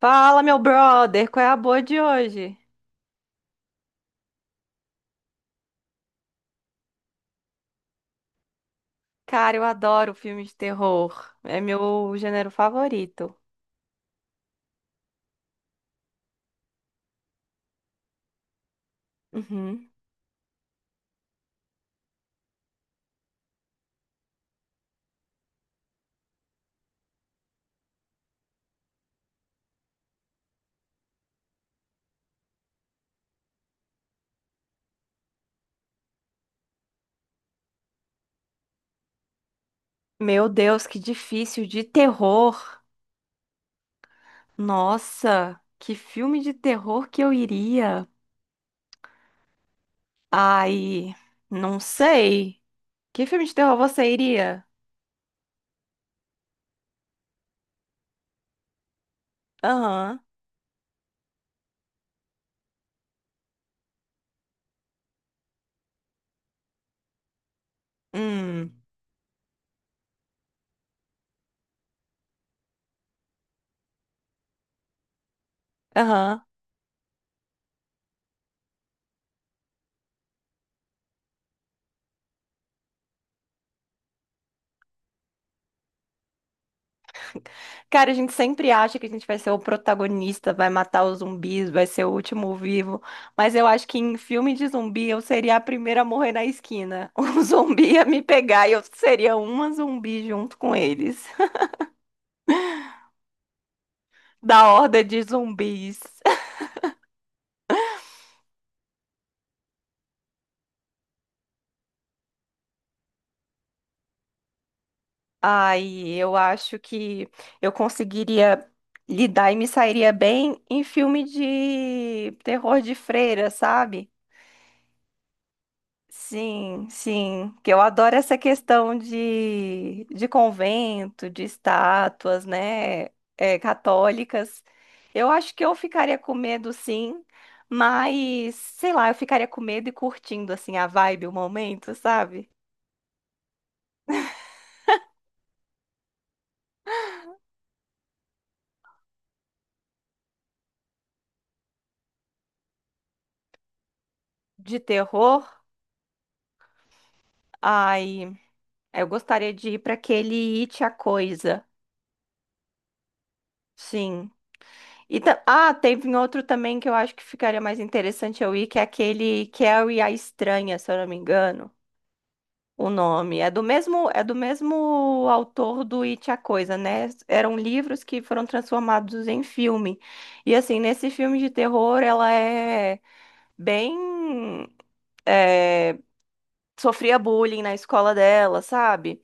Fala, meu brother, qual é a boa de hoje? Cara, eu adoro filmes de terror. É meu gênero favorito. Uhum. Meu Deus, que difícil de terror. Nossa, que filme de terror que eu iria? Ai, não sei. Que filme de terror você iria? Aham. Hum. Aham. Cara, a gente sempre acha que a gente vai ser o protagonista, vai matar os zumbis, vai ser o último vivo. Mas eu acho que em filme de zumbi eu seria a primeira a morrer na esquina. Um zumbi ia me pegar e eu seria uma zumbi junto com eles. Da horda de zumbis. Ai, eu acho que eu conseguiria lidar e me sairia bem em filme de terror de freira, sabe? Sim, sim, que eu adoro essa questão de convento, de estátuas, né, católicas. Eu acho que eu ficaria com medo, sim, mas sei lá, eu ficaria com medo e curtindo assim a vibe, o momento, sabe? De terror. Ai, eu gostaria de ir para aquele It a Coisa. Sim. Teve um outro também que eu acho que ficaria mais interessante eu ir, que é aquele Carrie a Estranha, se eu não me engano. O nome é do mesmo autor do It a Coisa, né? Eram livros que foram transformados em filme. E assim, nesse filme de terror, ela é bem é, sofria bullying na escola dela, sabe?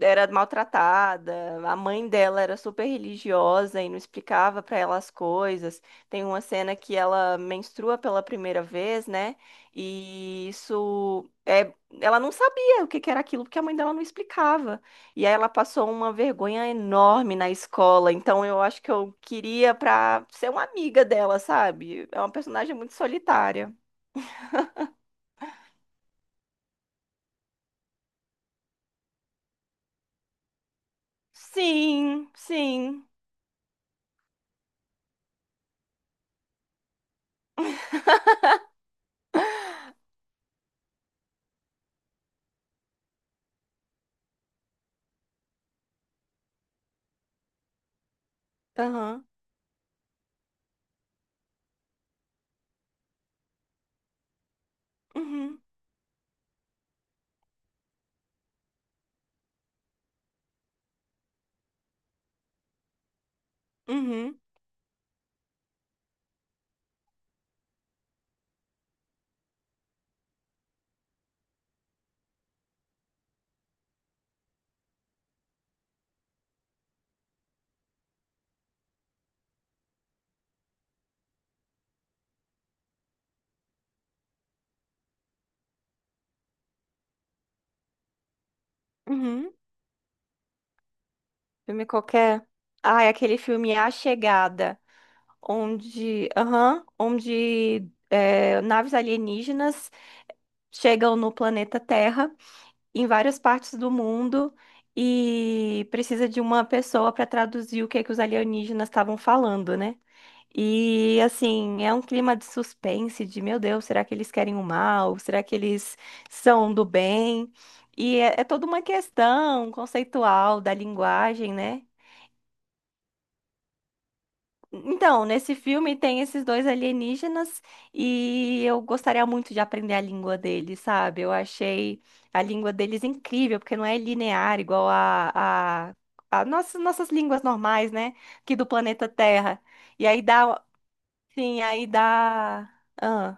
Era maltratada, a mãe dela era super religiosa e não explicava pra ela as coisas. Tem uma cena que ela menstrua pela primeira vez, né? E isso é, ela não sabia o que que era aquilo porque a mãe dela não explicava. E aí ela passou uma vergonha enorme na escola. Então eu acho que eu queria pra ser uma amiga dela, sabe? É uma personagem muito solitária. Sim, sim. Aham. Uhum, uhum, uhum. Filme qualquer. Ah, é aquele filme A Chegada, onde, aham, onde é, naves alienígenas chegam no planeta Terra, em várias partes do mundo, e precisa de uma pessoa para traduzir o que é que os alienígenas estavam falando, né? E assim, é um clima de suspense, de meu Deus, será que eles querem o mal? Será que eles são do bem? E é, é toda uma questão conceitual da linguagem, né? Então, nesse filme tem esses dois alienígenas e eu gostaria muito de aprender a língua deles, sabe? Eu achei a língua deles incrível, porque não é linear igual a nossas línguas normais, né? Aqui do planeta Terra. E aí dá, sim, aí dá, ah,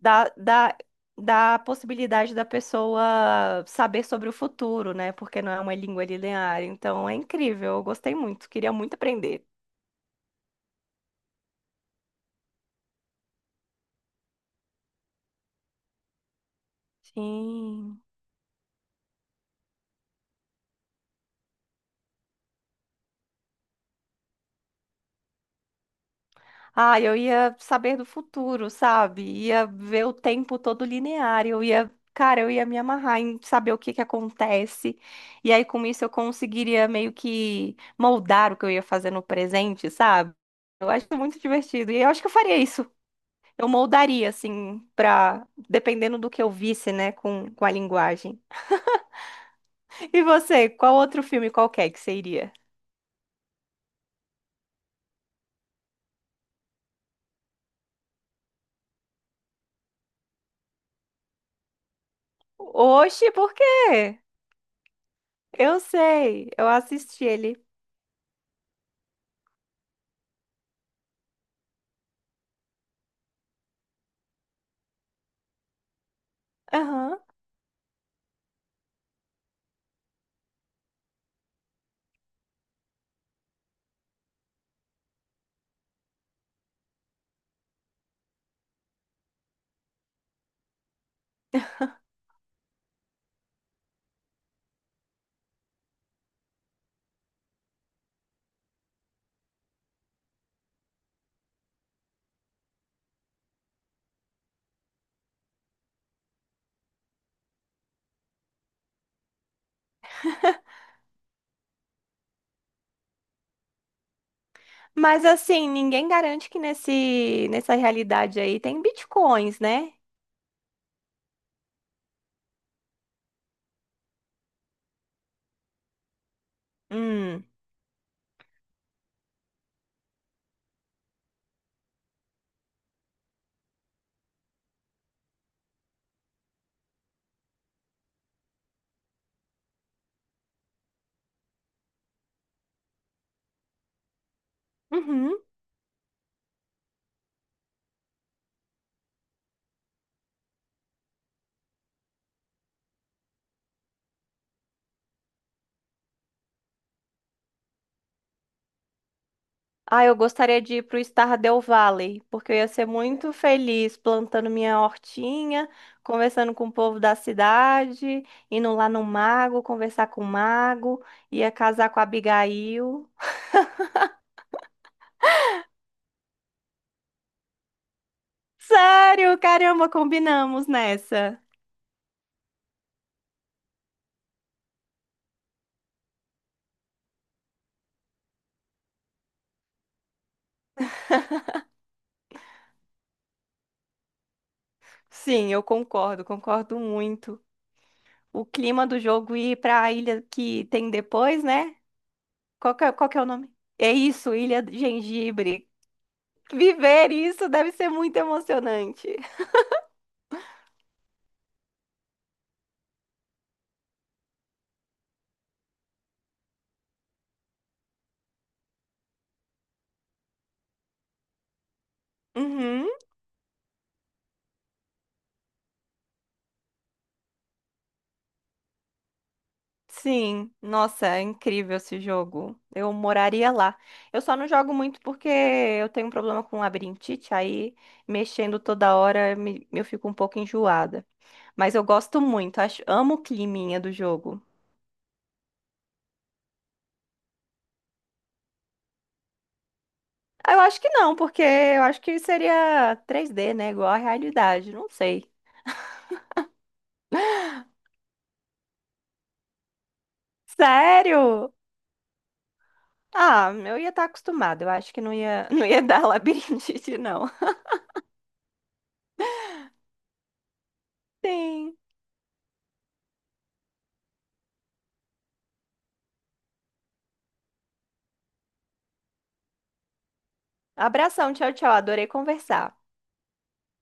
dá, dá, dá a possibilidade da pessoa saber sobre o futuro, né? Porque não é uma língua linear. Então é incrível, eu gostei muito, queria muito aprender. Sim. Ah, eu ia saber do futuro, sabe? Ia ver o tempo todo linear. Eu ia, cara, eu ia me amarrar em saber o que que acontece. E aí, com isso, eu conseguiria meio que moldar o que eu ia fazer no presente, sabe? Eu acho muito divertido. E eu acho que eu faria isso. Eu moldaria, assim, pra. Dependendo do que eu visse, né, com a linguagem. E você, qual outro filme qualquer que você iria? Oxe, por quê? Eu sei, eu assisti ele. Aham. Mas assim, ninguém garante que nessa realidade aí tem bitcoins, né? Hum. Uhum. Ah, eu gostaria de ir pro Stardew Valley, porque eu ia ser muito feliz plantando minha hortinha, conversando com o povo da cidade, indo lá no mago, conversar com o mago, ia casar com a Abigail. Sério, caramba, combinamos nessa. Sim, eu concordo, concordo muito. O clima do jogo e ir para a ilha que tem depois, né? Qual que é o nome? É isso, Ilha de Gengibre. Viver isso deve ser muito emocionante. Uhum, sim. Nossa, é incrível esse jogo. Eu moraria lá. Eu só não jogo muito porque eu tenho um problema com labirintite, aí mexendo toda hora me- eu fico um pouco enjoada. Mas eu gosto muito, acho, amo o climinha do jogo. Ah, eu acho que não, porque eu acho que seria 3D, né? Igual à realidade, não sei. Sério? Ah, eu ia estar acostumada. Eu acho que não ia, não ia dar labirintite, não. Sim. Abração, tchau, tchau. Adorei conversar.